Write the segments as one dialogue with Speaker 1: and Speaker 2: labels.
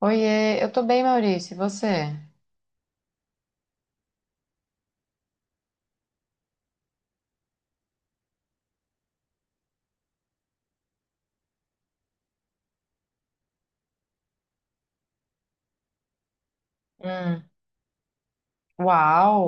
Speaker 1: Oiê, eu tô bem, Maurício, e você? Hum. Uau!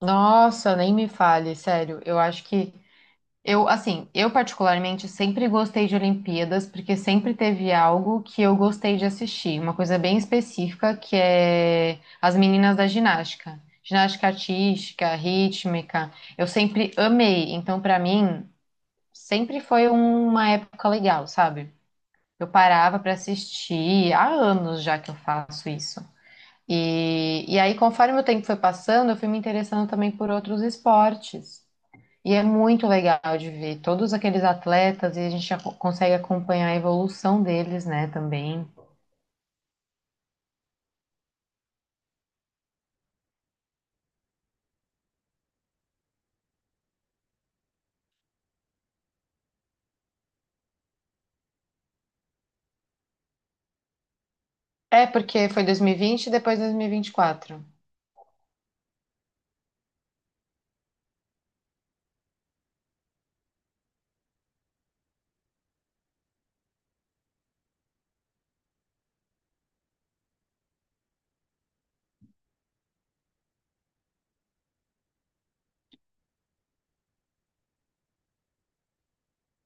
Speaker 1: Nossa, nem me fale, sério. Eu acho que eu particularmente sempre gostei de Olimpíadas porque sempre teve algo que eu gostei de assistir, uma coisa bem específica que é as meninas da ginástica artística, rítmica. Eu sempre amei, então pra mim sempre foi uma época legal, sabe? Eu parava pra assistir há anos já que eu faço isso. E aí, conforme o tempo foi passando, eu fui me interessando também por outros esportes. E é muito legal de ver todos aqueles atletas e a gente consegue acompanhar a evolução deles, né, também. É, porque foi 2020 e vinte e depois 2024.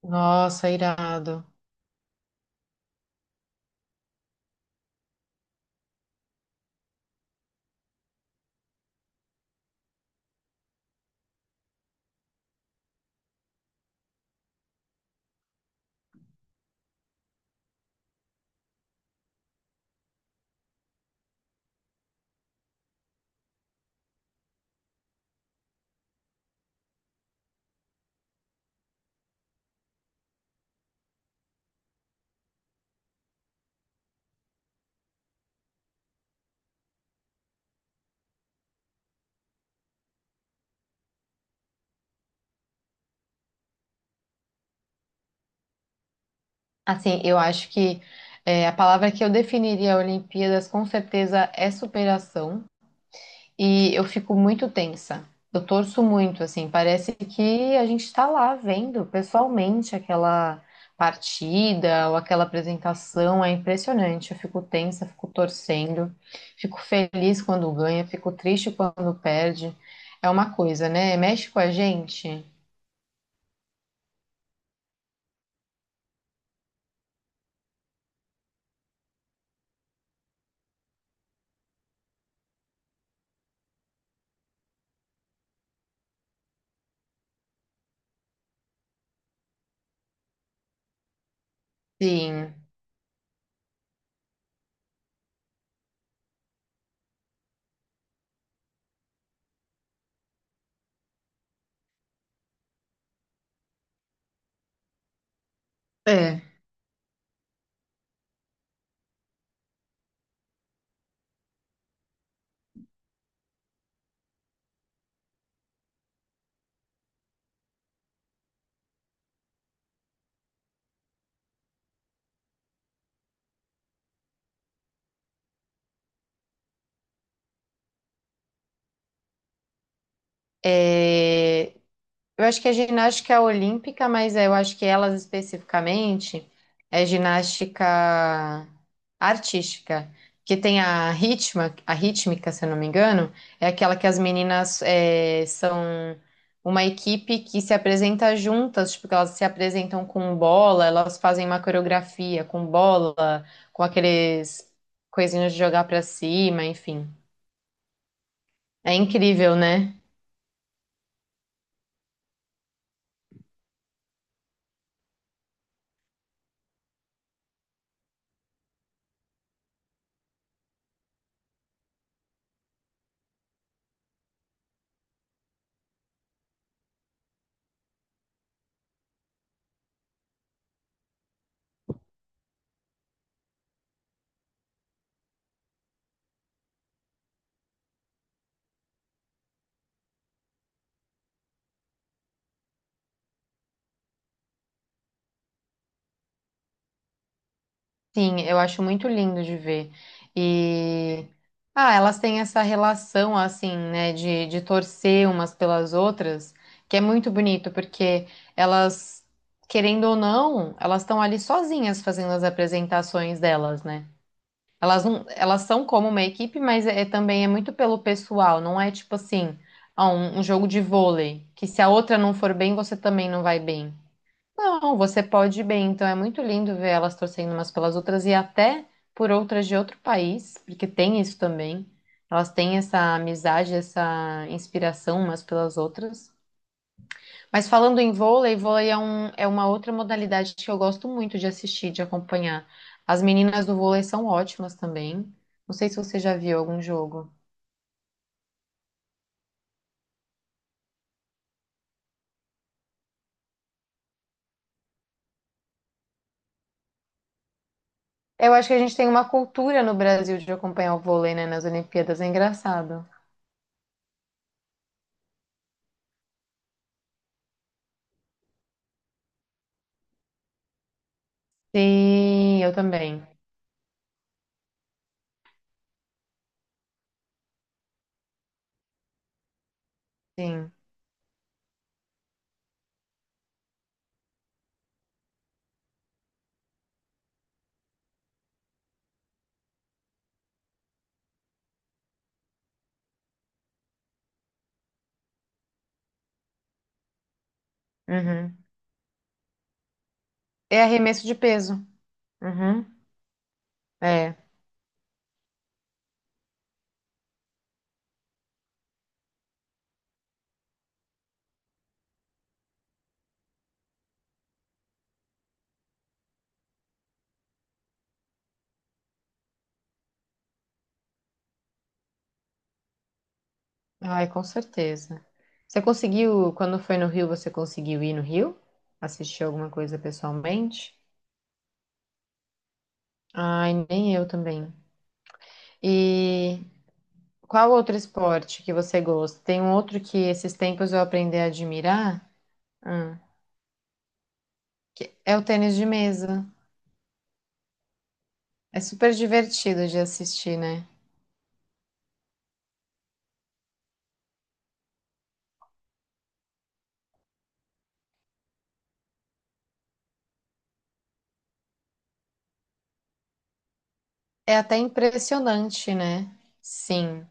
Speaker 1: Nossa, irado. Assim, eu acho que é, a palavra que eu definiria a Olimpíadas com certeza é superação. E eu fico muito tensa. Eu torço muito, assim, parece que a gente está lá vendo pessoalmente aquela partida ou aquela apresentação, é impressionante. Eu fico tensa, fico torcendo, fico feliz quando ganha, fico triste quando perde. É uma coisa, né? Mexe com a gente. Sim. É. É, eu acho que a ginástica é olímpica, mas eu acho que elas especificamente é ginástica artística, que tem a ritma, a rítmica, se eu não me engano, é aquela que as meninas são uma equipe que se apresenta juntas, tipo, que elas se apresentam com bola, elas fazem uma coreografia com bola, com aqueles coisinhos de jogar pra cima, enfim. É incrível, né? Sim, eu acho muito lindo de ver. E ah, elas têm essa relação assim, né, de torcer umas pelas outras, que é muito bonito, porque elas, querendo ou não, elas estão ali sozinhas fazendo as apresentações delas, né? Elas não, elas são como uma equipe, mas é também é muito pelo pessoal, não é tipo assim, ah, um jogo de vôlei, que se a outra não for bem, você também não vai bem. Não, você pode ir bem. Então é muito lindo ver elas torcendo umas pelas outras e até por outras de outro país, porque tem isso também. Elas têm essa amizade, essa inspiração umas pelas outras. Mas falando em vôlei, é uma outra modalidade que eu gosto muito de assistir, de acompanhar. As meninas do vôlei são ótimas também. Não sei se você já viu algum jogo. Eu acho que a gente tem uma cultura no Brasil de acompanhar o vôlei, né, nas Olimpíadas. É engraçado. Sim, eu também. Sim. Uhum. É arremesso de peso. Uhum. É. Ai, com certeza. Você conseguiu, quando foi no Rio, você conseguiu ir no Rio? Assistir alguma coisa pessoalmente? Ai, nem eu também. E qual outro esporte que você gosta? Tem um outro que esses tempos eu aprendi a admirar. Ah, é o tênis de mesa. É super divertido de assistir, né? É até impressionante, né? Sim.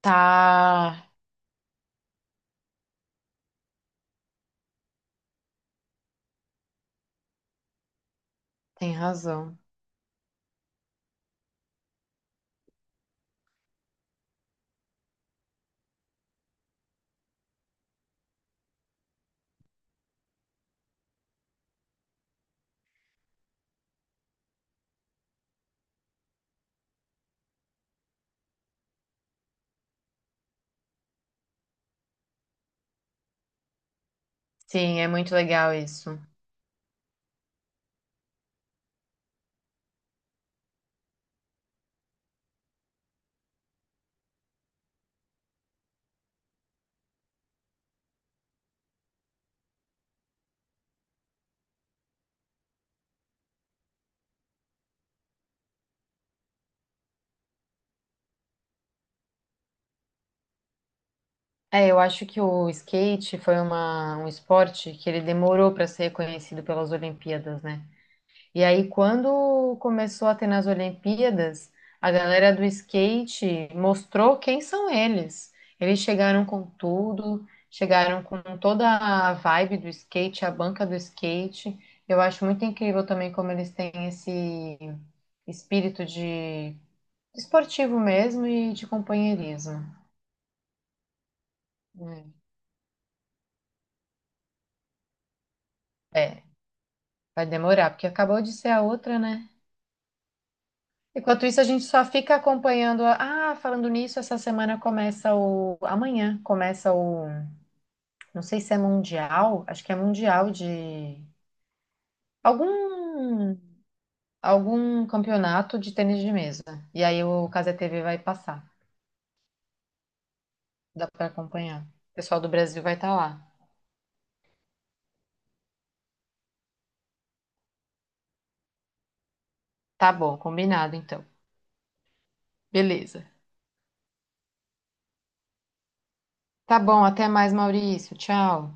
Speaker 1: Tá. Tem razão. Sim, é muito legal isso. É, eu acho que o skate foi um esporte que ele demorou para ser reconhecido pelas Olimpíadas, né? E aí, quando começou a ter nas Olimpíadas, a galera do skate mostrou quem são eles. Eles chegaram com tudo, chegaram com toda a vibe do skate, a banca do skate. Eu acho muito incrível também como eles têm esse espírito de esportivo mesmo e de companheirismo. Né? É. Vai demorar, porque acabou de ser a outra, né? Enquanto isso, a gente só fica acompanhando. Ah, falando nisso, essa semana começa o. Amanhã começa o. Não sei se é mundial, acho que é mundial de. Algum. Algum campeonato de tênis de mesa. E aí o Cazé TV vai passar. Dá pra acompanhar. O pessoal do Brasil vai estar lá. Tá bom, combinado então. Beleza. Tá bom, até mais, Maurício. Tchau.